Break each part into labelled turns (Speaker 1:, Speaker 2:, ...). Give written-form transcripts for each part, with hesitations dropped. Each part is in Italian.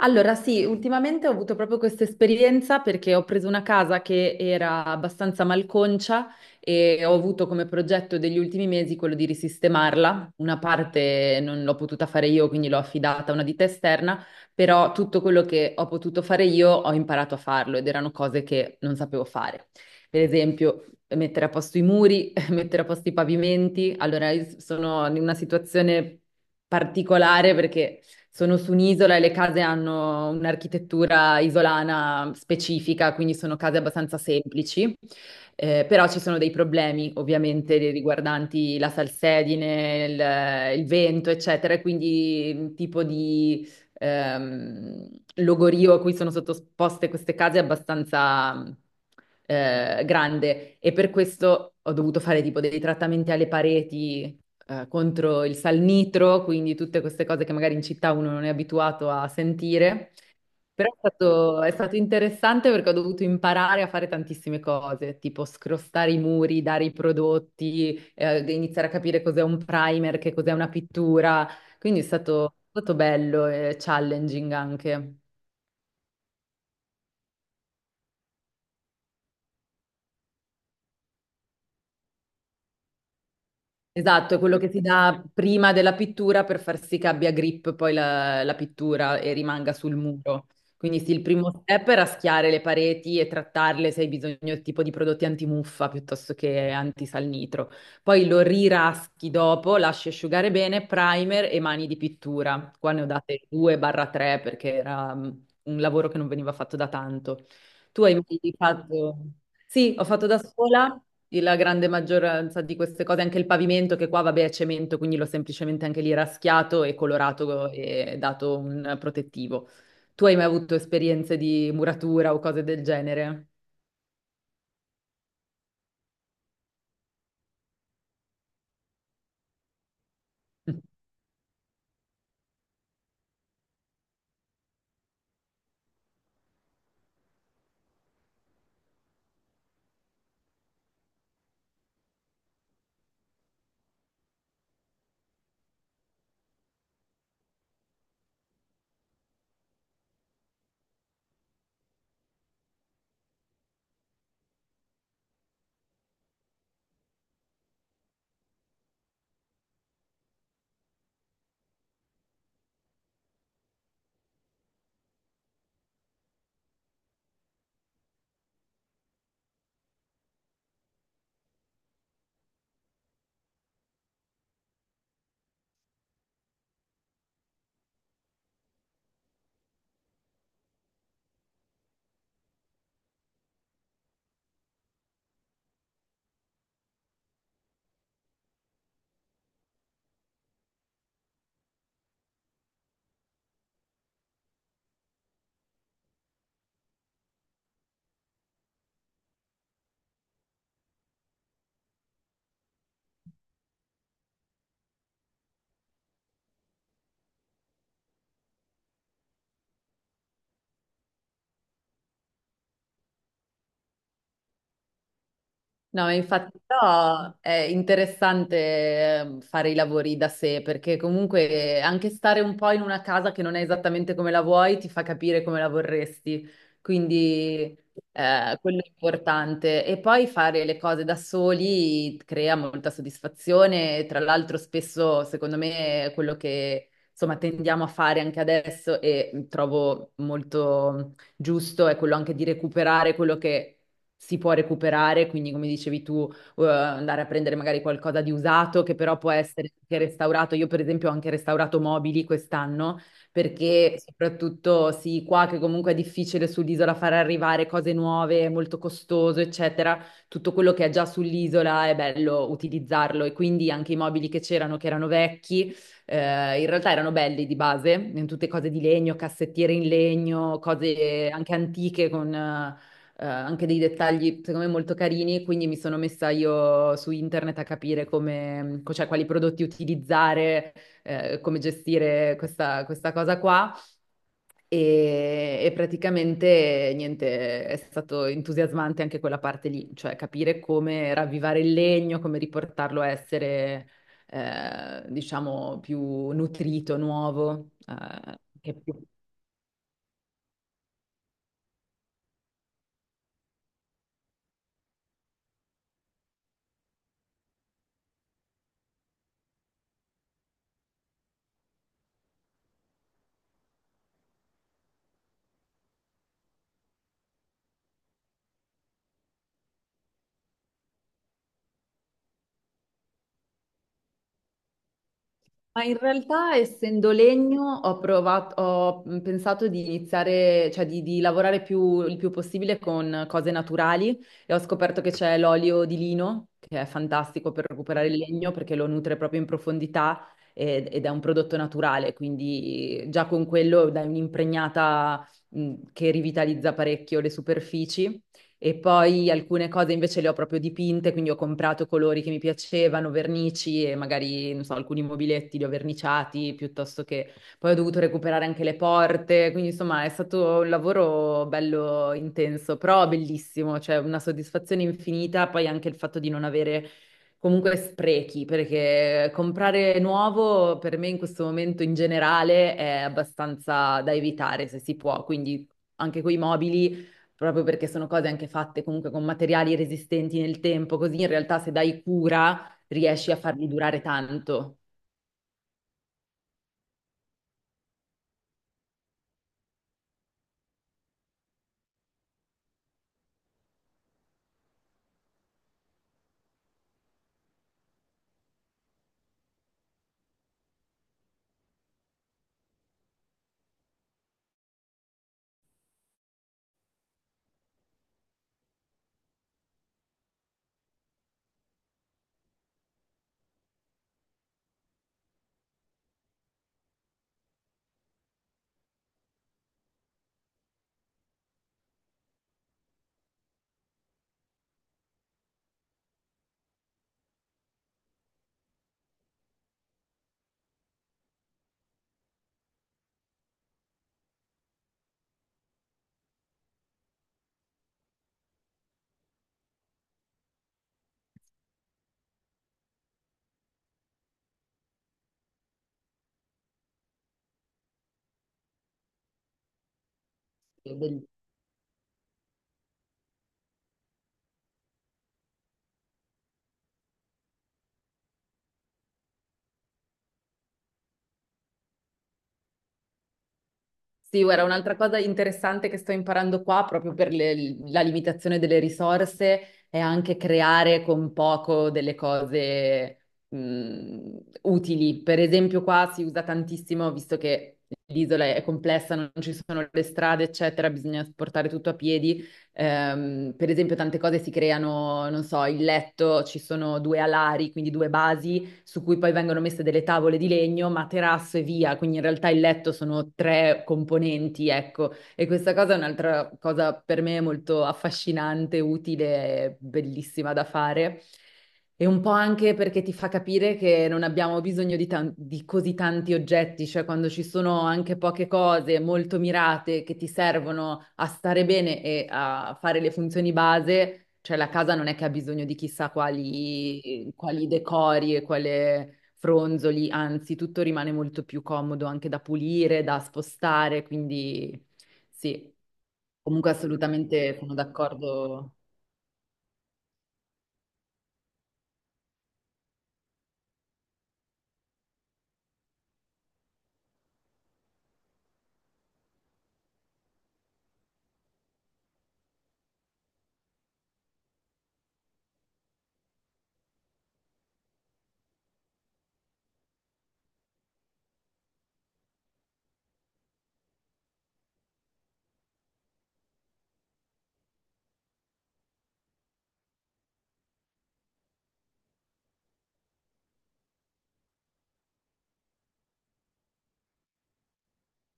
Speaker 1: Allora, sì, ultimamente ho avuto proprio questa esperienza perché ho preso una casa che era abbastanza malconcia e ho avuto come progetto degli ultimi mesi quello di risistemarla. Una parte non l'ho potuta fare io, quindi l'ho affidata a una ditta esterna, però tutto quello che ho potuto fare io ho imparato a farlo ed erano cose che non sapevo fare. Per esempio, mettere a posto i muri, mettere a posto i pavimenti. Allora, io sono in una situazione particolare perché sono su un'isola e le case hanno un'architettura isolana specifica, quindi sono case abbastanza semplici. Però ci sono dei problemi ovviamente riguardanti la salsedine, il vento, eccetera, e quindi un tipo di ehm, logorio a cui sono sottoposte queste case è abbastanza grande e per questo ho dovuto fare tipo dei trattamenti alle pareti, contro il salnitro, quindi tutte queste cose che magari in città uno non è abituato a sentire. Però è stato interessante perché ho dovuto imparare a fare tantissime cose, tipo scrostare i muri, dare i prodotti, iniziare a capire cos'è un primer, che cos'è una pittura. Quindi è stato bello e challenging anche. Esatto, è quello che si dà prima della pittura per far sì che abbia grip poi la pittura e rimanga sul muro. Quindi sì, il primo step è raschiare le pareti e trattarle se hai bisogno del tipo di prodotti antimuffa piuttosto che antisalnitro. Poi lo riraschi dopo, lasci asciugare bene, primer e mani di pittura. Qua ne ho date 2-3, perché era un lavoro che non veniva fatto da tanto. Tu hai mai fatto... Sì, ho fatto da sola la grande maggioranza di queste cose, anche il pavimento che qua vabbè è cemento, quindi l'ho semplicemente anche lì raschiato e colorato e dato un protettivo. Tu hai mai avuto esperienze di muratura o cose del genere? No, infatti però è interessante fare i lavori da sé perché comunque anche stare un po' in una casa che non è esattamente come la vuoi ti fa capire come la vorresti, quindi quello è importante. E poi fare le cose da soli crea molta soddisfazione, tra l'altro spesso secondo me è quello che insomma tendiamo a fare anche adesso e trovo molto giusto è quello anche di recuperare quello che si può recuperare, quindi come dicevi tu, andare a prendere magari qualcosa di usato che però può essere anche restaurato. Io per esempio ho anche restaurato mobili quest'anno perché soprattutto sì, qua che comunque è difficile sull'isola far arrivare cose nuove, è molto costoso, eccetera, tutto quello che è già sull'isola è bello utilizzarlo e quindi anche i mobili che c'erano, che erano vecchi, in realtà erano belli di base, in tutte cose di legno, cassettiere in legno, cose anche antiche con anche dei dettagli secondo me molto carini, quindi mi sono messa io su internet a capire come, cioè, quali prodotti utilizzare, come gestire questa cosa qua. E praticamente niente, è stato entusiasmante anche quella parte lì, cioè capire come ravvivare il legno, come riportarlo a essere diciamo, più nutrito, nuovo. Che più- Ma in realtà, essendo legno, ho pensato di iniziare, cioè di lavorare il più possibile con cose naturali e ho scoperto che c'è l'olio di lino, che è fantastico per recuperare il legno perché lo nutre proprio in profondità ed è un prodotto naturale, quindi già con quello dai un'impregnata che rivitalizza parecchio le superfici e poi alcune cose invece le ho proprio dipinte, quindi ho comprato colori che mi piacevano, vernici e magari, non so, alcuni mobiletti li ho verniciati piuttosto che poi ho dovuto recuperare anche le porte, quindi insomma è stato un lavoro bello intenso, però bellissimo, cioè una soddisfazione infinita, poi anche il fatto di non avere comunque sprechi, perché comprare nuovo per me in questo momento in generale è abbastanza da evitare se si può, quindi anche coi mobili proprio perché sono cose anche fatte comunque con materiali resistenti nel tempo, così in realtà se dai cura riesci a farli durare tanto. Del- Sì, guarda, un'altra cosa interessante che sto imparando qua, proprio per la limitazione delle risorse, è anche creare con poco delle cose utili. Per esempio, qua si usa tantissimo, visto che l'isola è complessa, non ci sono le strade, eccetera, bisogna portare tutto a piedi. Per esempio, tante cose si creano, non so, il letto, ci sono due alari, quindi due basi su cui poi vengono messe delle tavole di legno, materasso e via, quindi in realtà il letto sono tre componenti, ecco, e questa cosa è un'altra cosa per me molto affascinante, utile e bellissima da fare. E un po' anche perché ti fa capire che non abbiamo bisogno di, di così tanti oggetti, cioè quando ci sono anche poche cose molto mirate che ti servono a stare bene e a fare le funzioni base, cioè la casa non è che ha bisogno di chissà quali, quali decori e quale fronzoli, anzi tutto rimane molto più comodo anche da pulire, da spostare, quindi sì, comunque assolutamente sono d'accordo.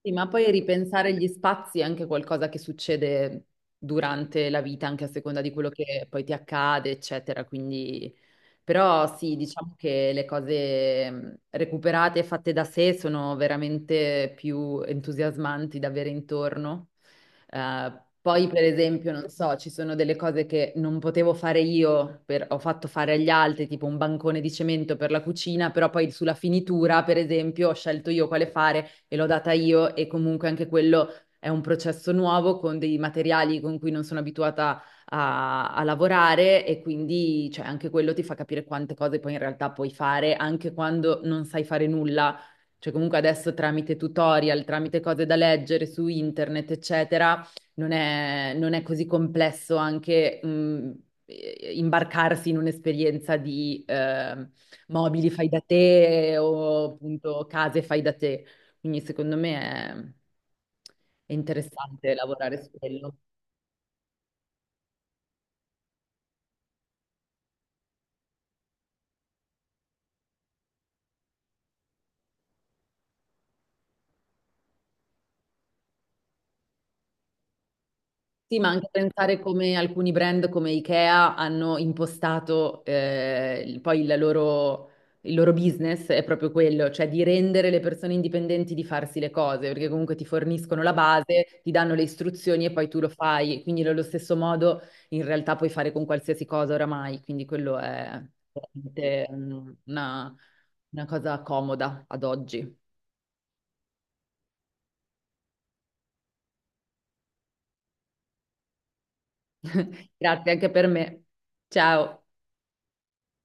Speaker 1: Sì, ma poi ripensare gli spazi è anche qualcosa che succede durante la vita, anche a seconda di quello che poi ti accade, eccetera. Quindi, però sì, diciamo che le cose recuperate e fatte da sé sono veramente più entusiasmanti da avere intorno. Poi, per esempio, non so, ci sono delle cose che non potevo fare io, ho fatto fare agli altri, tipo un bancone di cemento per la cucina, però poi sulla finitura, per esempio, ho scelto io quale fare e l'ho data io e comunque anche quello è un processo nuovo con dei materiali con cui non sono abituata a lavorare e quindi cioè, anche quello ti fa capire quante cose poi in realtà puoi fare anche quando non sai fare nulla. Cioè comunque adesso tramite tutorial, tramite cose da leggere su internet, eccetera, non è così complesso anche imbarcarsi in un'esperienza di mobili fai da te o appunto case fai da te. Quindi secondo me è interessante lavorare su quello. Sì, ma anche pensare come alcuni brand come IKEA hanno impostato il loro business è proprio quello, cioè di rendere le persone indipendenti di farsi le cose, perché comunque ti forniscono la base, ti danno le istruzioni e poi tu lo fai. Quindi nello stesso modo in realtà puoi fare con qualsiasi cosa oramai, quindi quello è veramente mm, una cosa comoda ad oggi. Grazie anche per me. Ciao.